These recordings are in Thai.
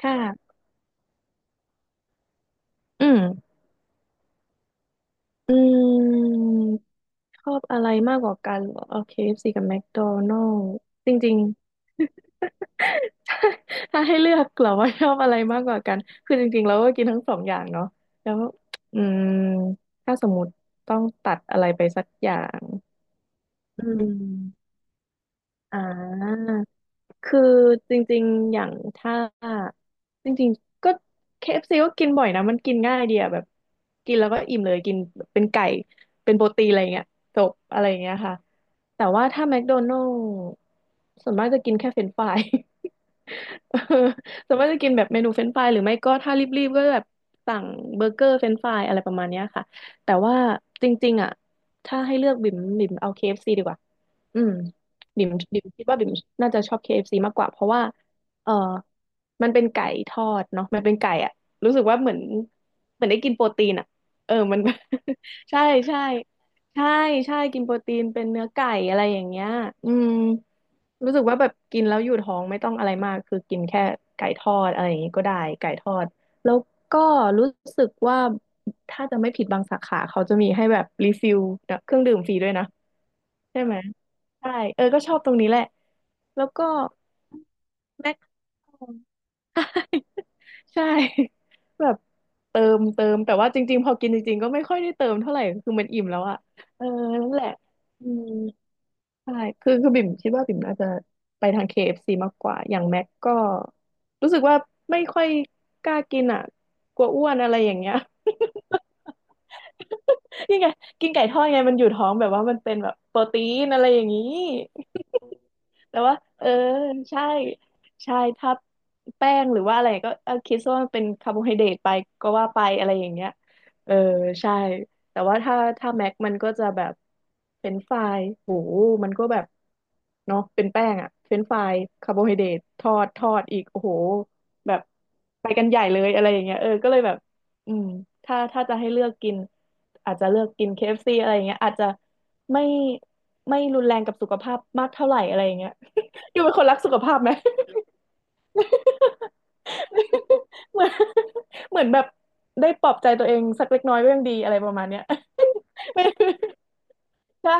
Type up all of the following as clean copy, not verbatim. ค่ะ อืม อืม ชอบอะไรมากกว่ากันเหรอโอเค KFC กับแม d โดนัล s จริงๆ ถ้าถ้าให้เลือกเหรอว่าชอบอะไรมากกว่ากัน คือจริงๆเราก็กินทั้งสองอย่างเนาะแล้ว อืม ถ้าสมมติต้องตัดอะไรไปสักอย่าง อืม อ่า คือจริงๆ อย่างถ้าจริงๆ ก็ KFC ก็กินบ่อยนะมันกินง่ายดีอะแบบกินแล้วก็อิ่มเลยกินเป็นไก่เป็นโปรตีนอะไรเงี้ยจบอะไรเงี้ยค่ะแต่ว่าถ้าแมคโดนัลด์ส่วนมากจะกินแค่เฟรนช์ฟรายเออ ส่วนมากจะกินแบบเมนูเฟรนช์ฟรายหรือไม่ก็ถ้ารีบๆก็แบบสั่งเบอร์เกอร์เฟรนช์ฟรายอะไรประมาณเนี้ยค่ะแต่ว่าจริงๆอ่ะถ้าให้เลือกบิ่มบิ่มเอา KFC ดีกว่าอืม บิ่มบิ่มคิดว่าบิ่มน่าจะชอบ KFC มากกว่าเพราะว่าเออมันเป็นไก่ทอดเนาะมันเป็นไก่อ่ะรู้สึกว่าเหมือนได้กินโปรตีนอ่ะเออมัน ใช่ใช่ใช่ใช่กินโปรตีนเป็นเนื้อไก่อะไรอย่างเงี้ยอืมรู้สึกว่าแบบกินแล้วอยู่ท้องไม่ต้องอะไรมากคือกินแค่ไก่ทอดอะไรอย่างงี้ก็ได้ไก่ทอดแล้วก็รู้สึกว่าถ้าจะไม่ผิดบางสาขาเขาจะมีให้แบบรีฟิลเครื่องดื่มฟรีด้วยนะ ใช่ไหมใช่เออก็ชอบตรงนี้แหละแล้วก็แม็ก ใช่ แบบเติมแต่ว่าจริงๆพอกินจริงๆก็ไม่ค่อยได้เติมเท่าไหร่คือมันอิ่มแล้วอะเออนั่นแหละอืมใช่คือบิ่มคิดว่าบิ่มน่าจะไปทางเคเอฟ f ีมากกว่าอย่างแม็กก็รู้สึกว่าไม่ค่อยกล้ากินอะกลัวอ้วนอะไรอย่างเงี้ย นี่ไงกินไก่ทอดไงมันอยู่ท้องแบบว่ามันเป็นแบบโปรตีนอะไรอย่างนี้ แล้วว่าเออใช่ใช่ถ้าแป้งหรือว่าอะไรก็เออคิดซะว่ามันเป็นคาร์โบไฮเดรตไปก็ว่าไปอะไรอย่างเงี้ยเออใช่แต่ว่าถ้าแม็กมันก็จะแบบเป็นไฟรายโหมันก็แบบเนาะเป็นแป้งอะเป็นไฟรายคาร์โบไฮเดรตทอดอีกโอ้โหแบบไปกันใหญ่เลยอะไรอย่างเงี้ยเออก็เลยแบบอืมถ้าจะให้เลือกกินอาจจะเลือกกิน KFC อฟซีอะไรอย่างเงี้ยอาจจะ ไม่ไม่รุนแรงกับสุขภาพมากเท่าไหร่อะไรอย่างเงี้ย ดูเป็นคนรักสุขภาพไหม เหมือนเหมือนแบบได้ปลอบใจตัวเองสักเล็กน้อยก็ยังดีอะไรประมาณเนี้ย ไม่ใช่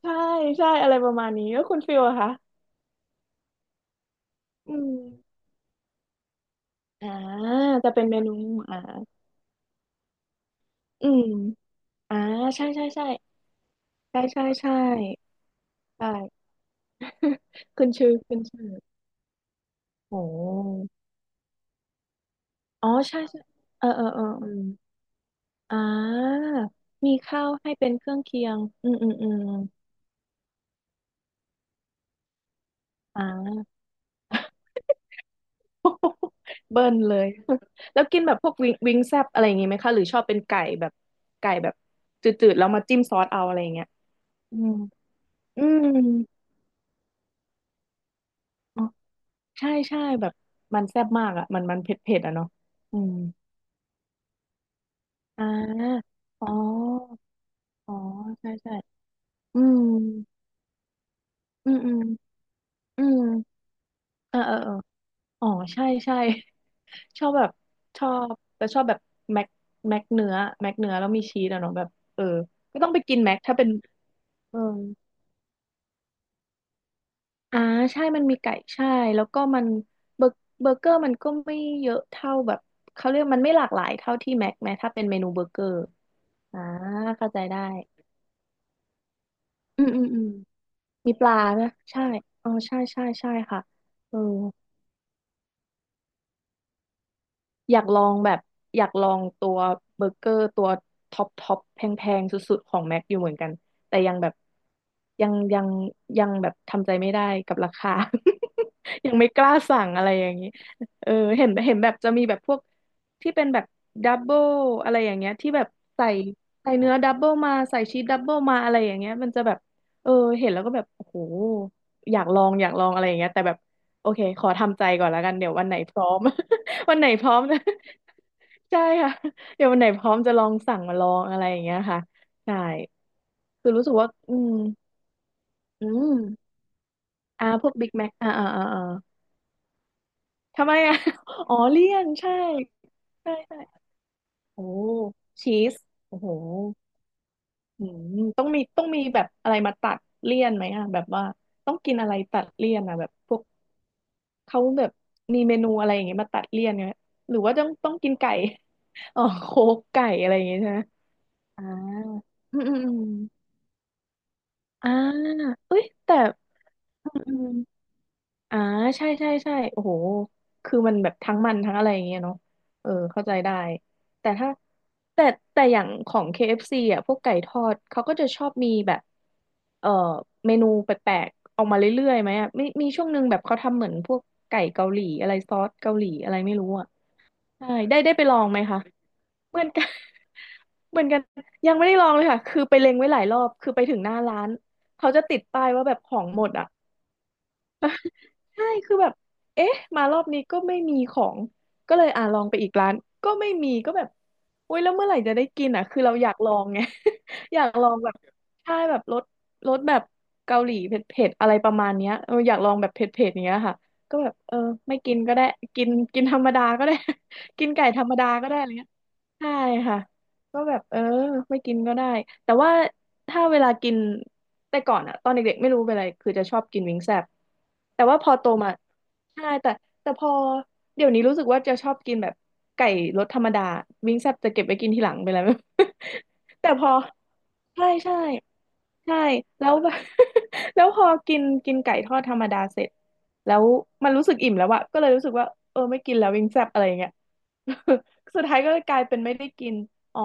ใช่ใช่อะไรประมาณนี้แล้วคุณฟิลอะคะอืมอ่าจะเป็นเมนูอ่าอืมอ่าใช่ใช่ใช่ใช่ใช่ใช่ใช่ขึ้นชื่อขึ้นชื่อ โอ้อ๋อใช่ใช่เออเออเออเออ อ่ามีข้าวให้เป็นเครื่องเคียงอืมอืมอืมอ่า เบิ้ลเลย แล้วกินแบบพวกวิงวิงแซบอะไรอย่างงี้ไหมคะหรือชอบเป็นไก่แบบไก่แบบจืดๆแล้วมาจิ้มซอสเอาอะไรอย่างเงี้ยอืมอืมอ๋อใช่ใช่แบบมันแซ่บมากอ่ะมันมันเผ็ดเผ็ดอ่ะเนาะอืมอ่าอ๋ออ๋อใช่ใช่อืมอืมอืมอืมเออเออเอออ๋อใช่ใช่ ชอบแบบชอบแต่ชอบแบบแม็กแม็กเนื้อแม็กเนื้อแล้วมีชีสอะเนาะแบบเออก็ต้องไปกินแม็กถ้าเป็นเอออ่าใช่มันมีไก่ใช่แล้วก็มันเบอร์เบอร์เกอร์มันก็ไม่เยอะเท่าแบบเขาเรียกมันไม่หลากหลายเท่าที่แม็กไหมถ้าเป็นเมนูเบอร์เกอร์อ่าเข้าใจได้อืมอืมอืมมีปลานะใช่อ๋อใช่ใช่ใช่ค่ะเออ อยากลองแบบอยากลองตัวเบอร์เกอร์ตัวท็อปแพงๆสุดๆของแม็กอยู่เหมือนกันแต่ยังแบบยังยังยังแบบทำใจไม่ได้กับราคา ยังไม่กล้าสั่งอะไรอย่างนี้เออเห็นแบบจะมีแบบพวกที่เป็นแบบดับเบิลอะไรอย่างเงี้ยที่แบบใส่ใส่เนื้อดับเบิลมาใส่ชีสดับเบิลมาอะไรอย่างเงี้ยมันจะแบบเออเห็นแล้วก็แบบโอ้โหอยากลองอะไรอย่างเงี้ยแต่แบบโอเคขอทำใจก่อนแล้วกันเดี๋ยววันไหนพร้อม วันไหนพร้อมนะ ใช่ค่ะเดี๋ยววันไหนพร้อมจะลองสั่งมาลองอะไรอย่างเงี้ยค่ะใช่คือรู้สึกว่าอืมอืมอ่าพวกบิ๊กแม็กอ่าทำไมอ่ะ อ๋อเลี่ยนใช่ใช่ใช่โอ้ชีสโอ้โหอืมต้องมีแบบอะไรมาตัดเลี่ยนไหมอ่ะแบบว่าต้องกินอะไรตัดเลี่ยนอ่ะแบบพวกเขาแบบมีเมนูอะไรอย่างเงี้ยมาตัดเลี่ยนเนี่ยหรือว่าต้องกินไก่ อ๋อโคกไก่อะไรอย่างเงี้ยใช่ไหม อ่าอืมอืมอืมอ่าเอ้ย แต่อืมอืมอ่าใช่ใช่ใช่โอ้โหคือมันแบบทั้งมันทั้งอะไรอย่างเงี้ยเนาะเออ เข้าใจได้แต่ถ้าแต่แต่อย่างของ KFC อฟซีอ่ะพวกไก่ทอด เขาก็จะชอบมีแบบเออเมนูแปลกๆออกมาเรื่อยๆไหมอ่ะมีมีช่วงหนึ่งแบบเขาทำเหมือนพวกไก่เกาหลีอะไรซอสเกาหลีอะไรไม่รู้อ่ะใช่ ได้ ได้ไปลองไหมคะ เหมือนกัน เหมือนกัน ยังไม่ได้ลองเลยค่ะคือไปเล็งไว้หลายรอบคือไปถึงหน้าร้าน เขาจะติดป้ายว่าแบบของหมดอ่ะใช่คือแบบเอ๊ะมารอบนี้ก็ไม่มีของก็เลยอ่าลองไปอีกร้านก็ไม่มีก็แบบอุ้ยแล้วเมื่อไหร่จะได้กินอ่ะคือเราอยากลองไง อยากลองแบบใช่แบบรสแบบเกาหลีเผ็ดๆอะไรประมาณเนี้ยเอออยากลองแบบเผ็ดๆอย่างเนี้ยค่ะก็แบบเออไม่กินก็ได้กินกินธรรมดาก็ได้ กินไก่ธรรมดาก็ได้อะไรเงี้ย ใช่ค่ะก็แบบเออไม่กินก็ได้แต่ว่าถ้าเวลากินแต่ก่อนอะตอนเด็กๆไม่รู้เป็นอะไรคือจะชอบกินวิงแซบแต่ว่าพอโตมาใช่แต่แต่พอเดี๋ยวนี้รู้สึกว่าจะชอบกินแบบไก่รสธรรมดาวิงแซบจะเก็บไว้กินทีหลังไปแล้ว แต่พอใช่ใช่ใช่แล้วแบบ แล้วพอกินกินไก่ทอดธรรมดาเสร็จแล้วมันรู้สึกอิ่มแล้วอะก็เลยรู้สึกว่าเออไม่กินแล้ววิงแซบอะไรอย่างเงี้ย สุดท้ายก็กลายเป็นไม่ได้กินอ๋อ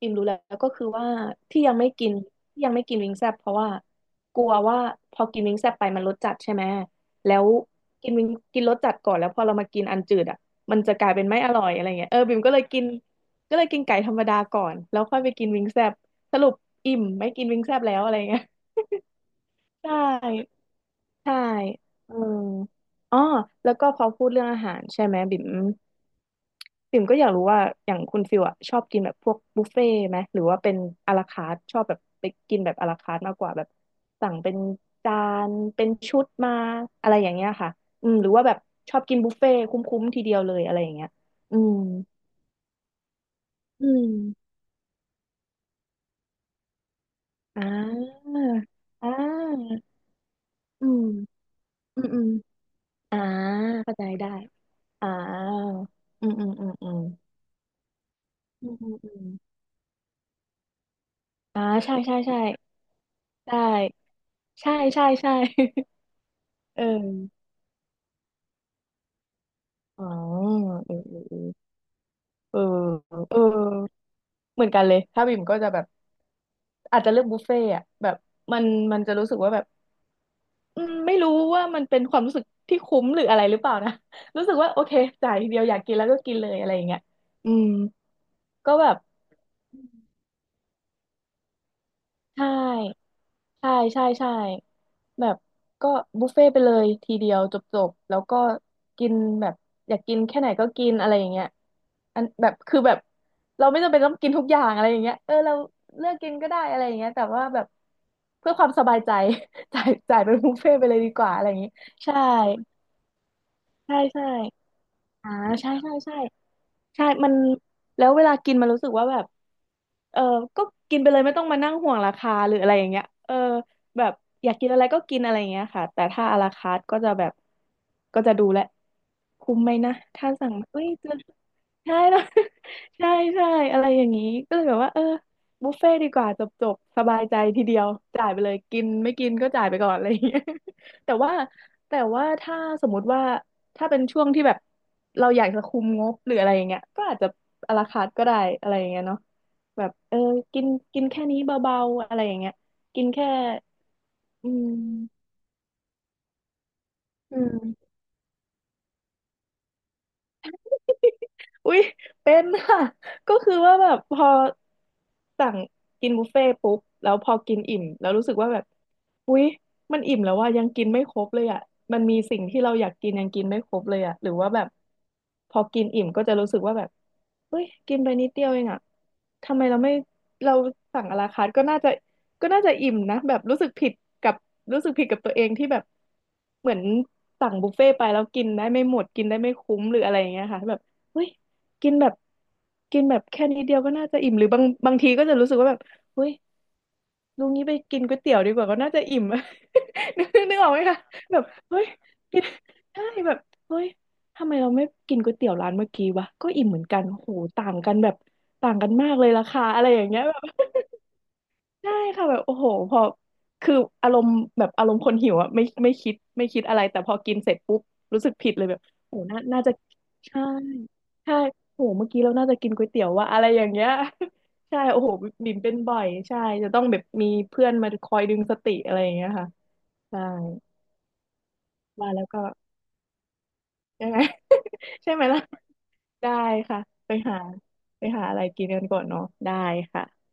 อิ่มรู้แล้วก็คือว่าที่ยังไม่กินที่ยังไม่กินวิงแซบเพราะว่ากลัวว่าพอกินวิงแซบไปมันรสจัดใช่ไหม แล้วกินวิงกินรสจัดก่อนแล้วพอเรามากินอันจืดอ่ะมันจะกลายเป็นไม่อร่อยอะไรเงี้ยเออบิ่มก็เลยกินก็เลยกินไก่ธรรมดาก่อนแล้วค่อยไปกินวิงแซบสรุปอิ่มไม่กินวิงแซบแล้วอะไรเงี้ย ใช่ใช่เอออ๋อแล้วก็พอพูดเรื่องอาหารใช่ไหมบิ่ม ปิ่มก็อยากรู้ว่าอย่างคุณฟิลอะชอบกินแบบพวกบุฟเฟ่ต์ไหมหรือว่าเป็นอะลาคาร์ทชอบแบบไปกินแบบอะลาคาร์ทมากกว่าแบบสั่งเป็นจานเป็นชุดมาอะไรอย่างเงี้ยค่ะอืมหรือว่าแบบชอบกินบุฟเฟ่ต์คุ้มๆทีเดียวเลยอะไรอย่างเงี้ยอืมอืมอ่าอ่าอืมอืมอืมอ่าเข้าใจได้อ่าอืมอืมอืมอืมอืมอืมอืมอ่าใช่ใช่ใช่ได้ใช่ใช่ใช่ เออ อ๋อเออเออเออเออเหมือนกันเลยถ้าบิ่มก็จะแบบอาจจะเลือกบุฟเฟ่ต์อะแบบมันมันจะรู้สึกว่าแบบอืมไม่รู้ว่ามันเป็นความรู้สึกที่คุ้มหรืออะไรหรือเปล่านะ รู้สึกว่าโอเคจ่ายทีเดียวอยากกินแล้วก็กินเลยอะไรอย่างเงี้ยอืมก็แบบใช่ ใช่ใช่ใช่แบบก็บุฟเฟ่ต์ไปเลยทีเดียวจบๆแล้วก็กินแบบอยากกินแค่ไหนก็กินอะไรอย่างเงี้ยอันแบบคือแบบเราไม่จำเป็นต้องกินทุกอย่างอะไรอย่างเงี้ยเออเราเลือกกินก็ได้อะไรอย่างเงี้ยแต่ว่าแบบเพื่อความสบายใจ จ่ายเป็นบุฟเฟ่ต์ไปเลยดีกว่าอะไรอย่างงี้ใช่ใช่ใช่อ่าใช่ใช่ใช่ใช่มันแล้วเวลากินมันรู้สึกว่าแบบ เออก็กินไปเลยไม่ต้องมานั่งห่วงราคาหรืออะไรอย่างเงี้ยเออแบบอยากกินอะไรก็กินอะไรอย่างเงี้ยค่ะแต่ถ้าอาราคาร์ทก็จะแบบก็จะดูแลคุ้มไหมนะถ้าสั่งเอ้ยจะใช่แล้ว ใช่ใช่อะไรอย่างงี้ก็เลยแบบว่าเออบุฟเฟ่ต์ดีกว่าจบจบสบายใจทีเดียวจ่ายไปเลยกินไม่กินก็จ่ายไปก่อนอะไรอย่างเงี้ย แต่ว่าถ้าสมมุติว่าถ้าเป็นช่วงที่แบบเราอยากจะคุมงบหรืออะไรอย่างเงี้ยก็อาจจะอาราคาร์ทก็ได้อะไรอย่างเงี้ยเนาะ แบบเออกินกินแค่นี้เบาๆ อะไรอย่างเงี้ยกินแค่อืมอืม อุ๊ยเป็นค่ะก็คือว่าแบบพอสั่งกินบุฟเฟ่ต์ปุ๊บแล้วพอกินอิ่มแล้วรู้สึกว่าแบบอุ๊ยมันอิ่มแล้วว่ายังกินไม่ครบเลยอ่ะมันมีสิ่งที่เราอยากกินยังกินไม่ครบเลยอ่ะหรือว่าแบบพอกินอิ่มก็จะรู้สึกว่าแบบเฮ้ยกินไปนิดเดียวเองอ่ะทำไมเราไม่เราสั่งอะลาคาร์ทก็น่าจะก็น่าจะอิ่มนะแบบรู้สึกผิดกับรู้สึกผิดกับตัวเองที่แบบเหมือนสั่งบุฟเฟ่ต์ไปแล้วกินได้ไม่หมดกินได้ไม่คุ้มหรืออะไรอย่างเงี้ยค่ะแบบเฮ้ย กินแบบแค่นิดเดียวก็น่าจะอิ่มหรือบางทีก็จะรู้สึกว่าแบบเฮ้ยลุงนี้ไปกินก๋วยเตี๋ยวดีกว่าก็น่าจะอิ่ม นึกออกไหมคะแบบเฮ้ยกินใช่แบบเฮ้ยทำไมเราไม่กินก๋วยเตี๋ยวร้านเมื่อกี้วะก็อิ่มเหมือนกันโหต่างกันแบบต่างกันมากเลยราคาอะไรอย่างเงี้ยแบบ ใช่ค่ะแบบโอ้โหพอคืออารมณ์แบบอารมณ์คนหิวอะไม่ไม่คิดอะไรแต่พอกินเสร็จปุ๊บรู้สึกผิดเลยแบบโอ้โหน่าน่าจะใช่ใช่โอ้โหเมื่อกี้เราน่าจะกินก๋วยเตี๋ยวว่าอะไรอย่างเงี้ย ใช่โอ้โหบิ่มเป็นบ่อยใช่จะต้องแบบมีเพื่อนมาคอยดึงสติอะไรอย่างเงี้ยค่ะใช่มาแล้วก็ใช่ไหม ใช่ไหมล่ะได้ค่ะไปหาอะไรกินกันก่อนเนาะได้ค่ะ